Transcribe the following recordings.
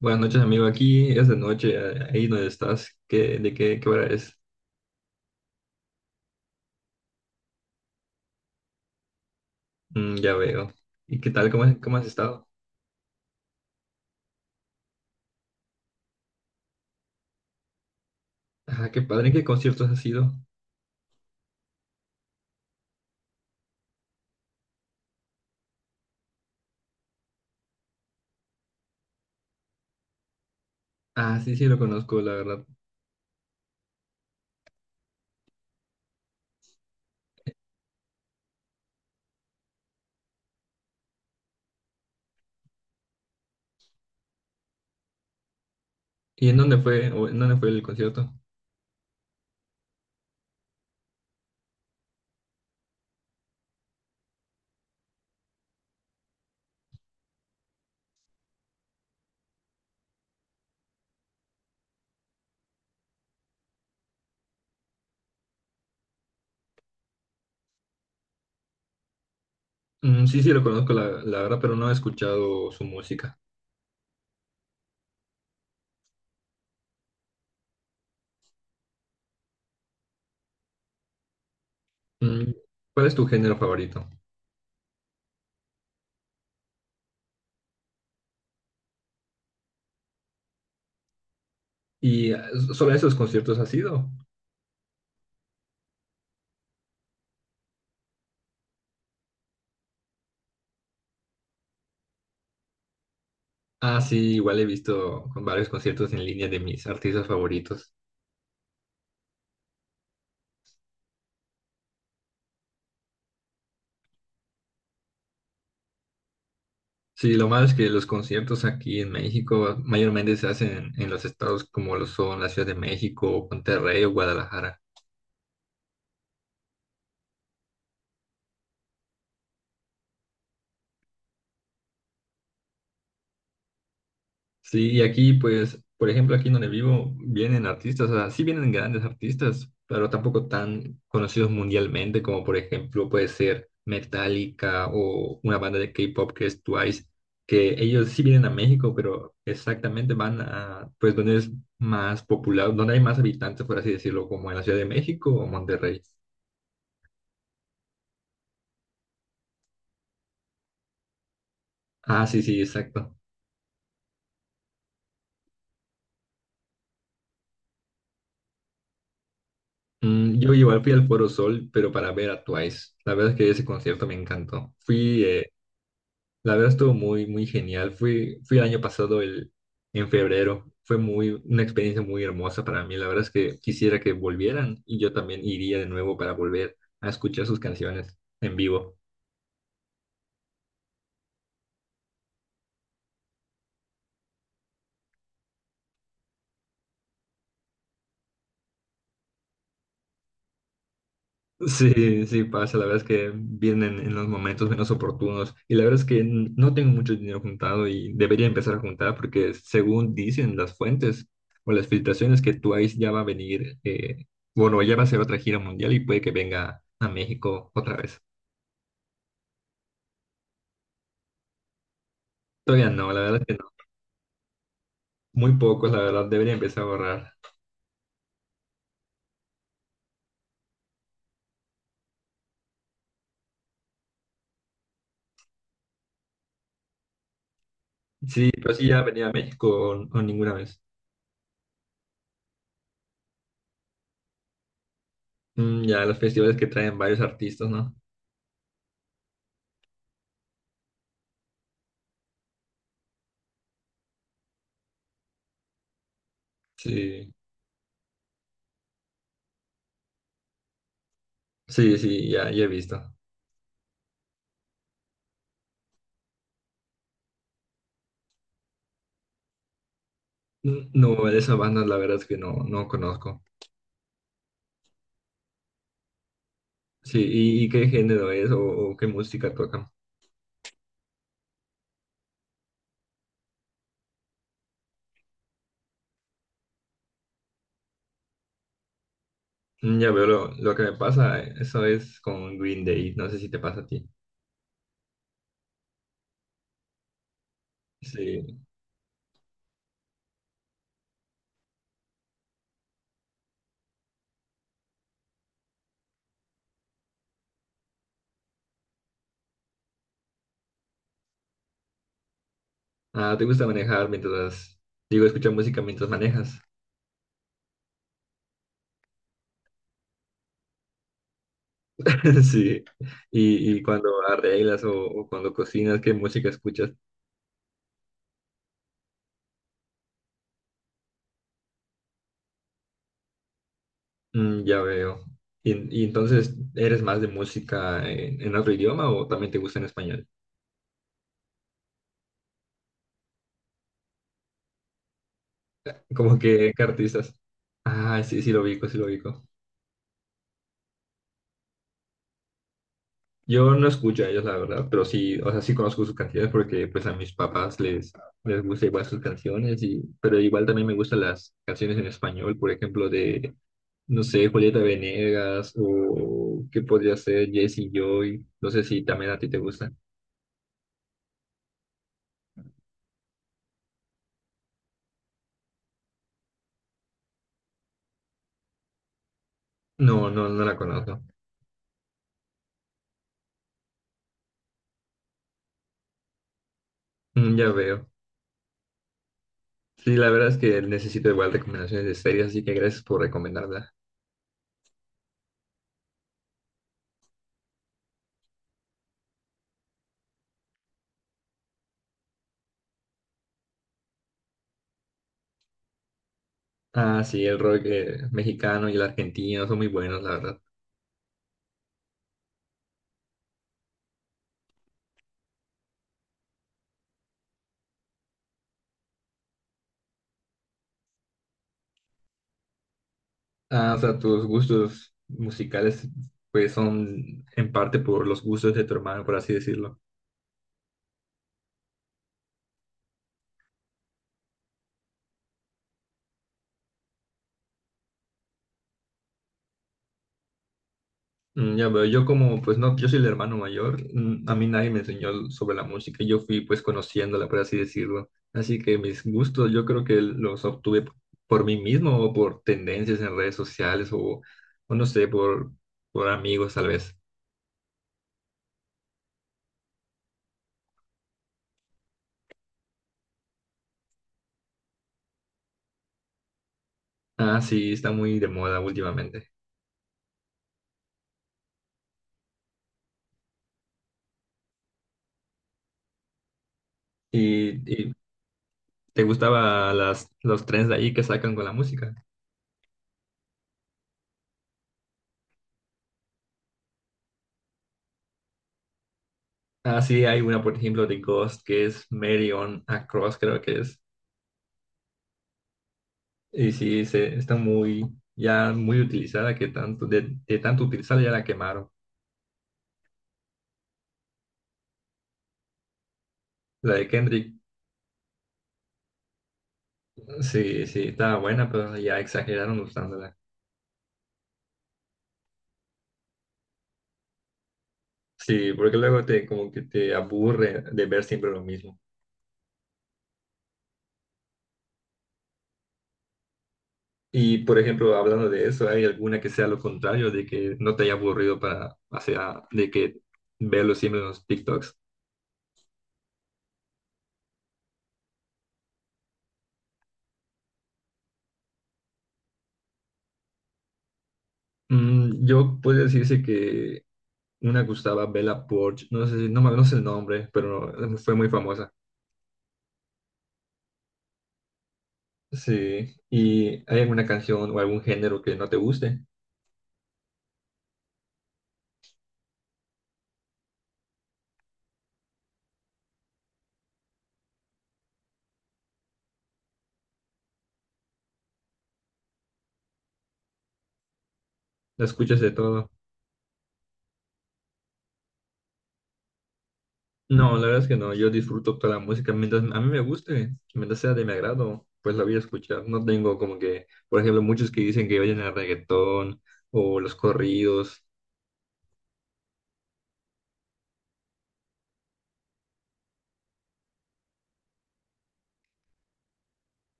Buenas noches, amigo. Aquí es de noche, ahí donde estás. ¿De qué hora es? Mm, ya veo. ¿Y qué tal? ¿ Cómo has estado? Ah, qué padre. ¿En qué conciertos has ido? Ah, sí, sí, lo conozco, la verdad. ¿Y en dónde fue, o en dónde fue el concierto? Mm, sí, sí, lo conozco, la verdad, pero no he escuchado su música. Mm, ¿cuál es tu género favorito? ¿ Solo a esos conciertos has ido? Ah, sí, igual he visto con varios conciertos en línea de mis artistas favoritos. Sí, lo malo es que los conciertos aquí en México mayormente se hacen en los estados como lo son la Ciudad de México, Monterrey o Guadalajara. Sí, y aquí pues, por ejemplo, aquí donde vivo, vienen artistas, o sea, sí vienen grandes artistas, pero tampoco tan conocidos mundialmente como por ejemplo puede ser Metallica o una banda de K-pop que es Twice, que ellos sí vienen a México, pero exactamente van a pues donde es más popular, donde hay más habitantes, por así decirlo, como en la Ciudad de México o Monterrey. Ah, sí, sí, exacto. Mm, yo igual fui al Foro Sol, pero para ver a Twice. La verdad es que ese concierto me encantó. Fui, la verdad estuvo muy, muy genial. Fui el año pasado, en febrero. Fue muy, una experiencia muy hermosa para mí. La verdad es que quisiera que volvieran y yo también iría de nuevo para volver a escuchar sus canciones en vivo. Sí, sí pasa, la verdad es que vienen en los momentos menos oportunos y la verdad es que no tengo mucho dinero juntado y debería empezar a juntar porque según dicen las fuentes o las filtraciones que Twice ya va a venir, bueno, ya va a hacer otra gira mundial y puede que venga a México otra vez. Todavía no, la verdad es que no, muy pocos, la verdad, debería empezar a ahorrar. Sí, pero sí ya venía a México o ninguna vez. Mm, ya los festivales que traen varios artistas, ¿no? Sí, sí, sí, ya, ya he visto. No, de esa banda la verdad es que no, no conozco. Sí, ¿ y qué género es o qué música toca? Mm, ya veo lo que me pasa, eso es con Green Day, no sé si te pasa a ti. Sí. Ah, ¿te gusta manejar mientras, digo, escuchar música mientras manejas? Sí. Y cuando arreglas o cuando cocinas, ¿qué música escuchas? Mm, ya veo. Y entonces, ¿eres más de música en otro idioma o también te gusta en español? Como que, ¿qué artistas? Ah, sí, sí lo ubico, sí lo ubico. Yo no escucho a ellos, la verdad, pero sí, o sea, sí conozco sus canciones porque pues a mis papás les gusta igual sus canciones, y, pero igual también me gustan las canciones en español, por ejemplo, de, no sé, Julieta Venegas o qué podría ser Jesse Joy, no sé si también a ti te gusta. No, no, no la conozco. Mm, ya veo. Sí, la verdad es que necesito igual recomendaciones de series, así que gracias por recomendarla. Ah, sí, el rock mexicano y el argentino son muy buenos, la verdad. Ah, o sea, tus gustos musicales pues son en parte por los gustos de tu hermano, por así decirlo. Mm, ya veo, yo como pues no, yo soy el hermano mayor, mm, a mí nadie me enseñó sobre la música, yo fui pues conociéndola, por así decirlo. Así que mis gustos yo creo que los obtuve por mí mismo o por tendencias en redes sociales o no sé, por amigos tal vez. Ah, sí, está muy de moda últimamente. ¿Y, y te gustaba los trends de ahí que sacan con la música? Ah, sí, hay una, por ejemplo, de Ghost, que es Mary on a Cross, creo que es. Y sí, se, está muy, ya muy utilizada, que tanto, de tanto utilizarla ya la quemaron. La de Kendrick, sí, sí, estaba buena, pero ya exageraron usándola. Sí, porque luego te, como que te aburre de ver siempre lo mismo. Y, por ejemplo, hablando de eso, ¿hay alguna que sea lo contrario, de que no te haya aburrido para, o sea, de que verlo siempre en los TikToks? Mm, yo puedo decirse que una que usaba Bella Poarch, no sé, si- no, me- no sé el nombre, pero no- fue muy famosa. Sí, ¿y hay alguna canción o algún género que no te guste? ¿La escuchas de todo? No, la verdad es que no, yo disfruto toda la música mientras a mí me guste, mientras sea de mi agrado, pues la voy a escuchar. No tengo como que, por ejemplo, muchos que dicen que oyen el reggaetón o los corridos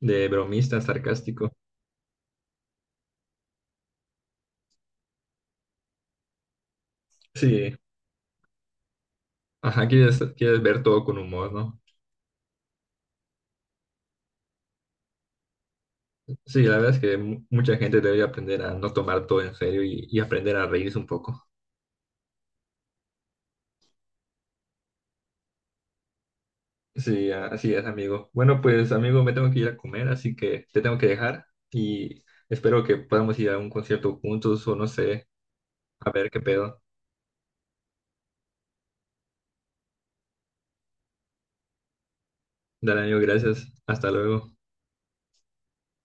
de bromista sarcástico. Sí, ajá, quieres, quieres ver todo con humor, ¿no? Sí, la verdad es que mucha gente debería aprender a no tomar todo en serio y aprender a reírse un poco. Sí, así es, amigo. Bueno, pues, amigo, me tengo que ir a comer, así que te tengo que dejar y espero que podamos ir a un concierto juntos o no sé, a ver qué pedo. Dale, amigo, gracias. Hasta luego.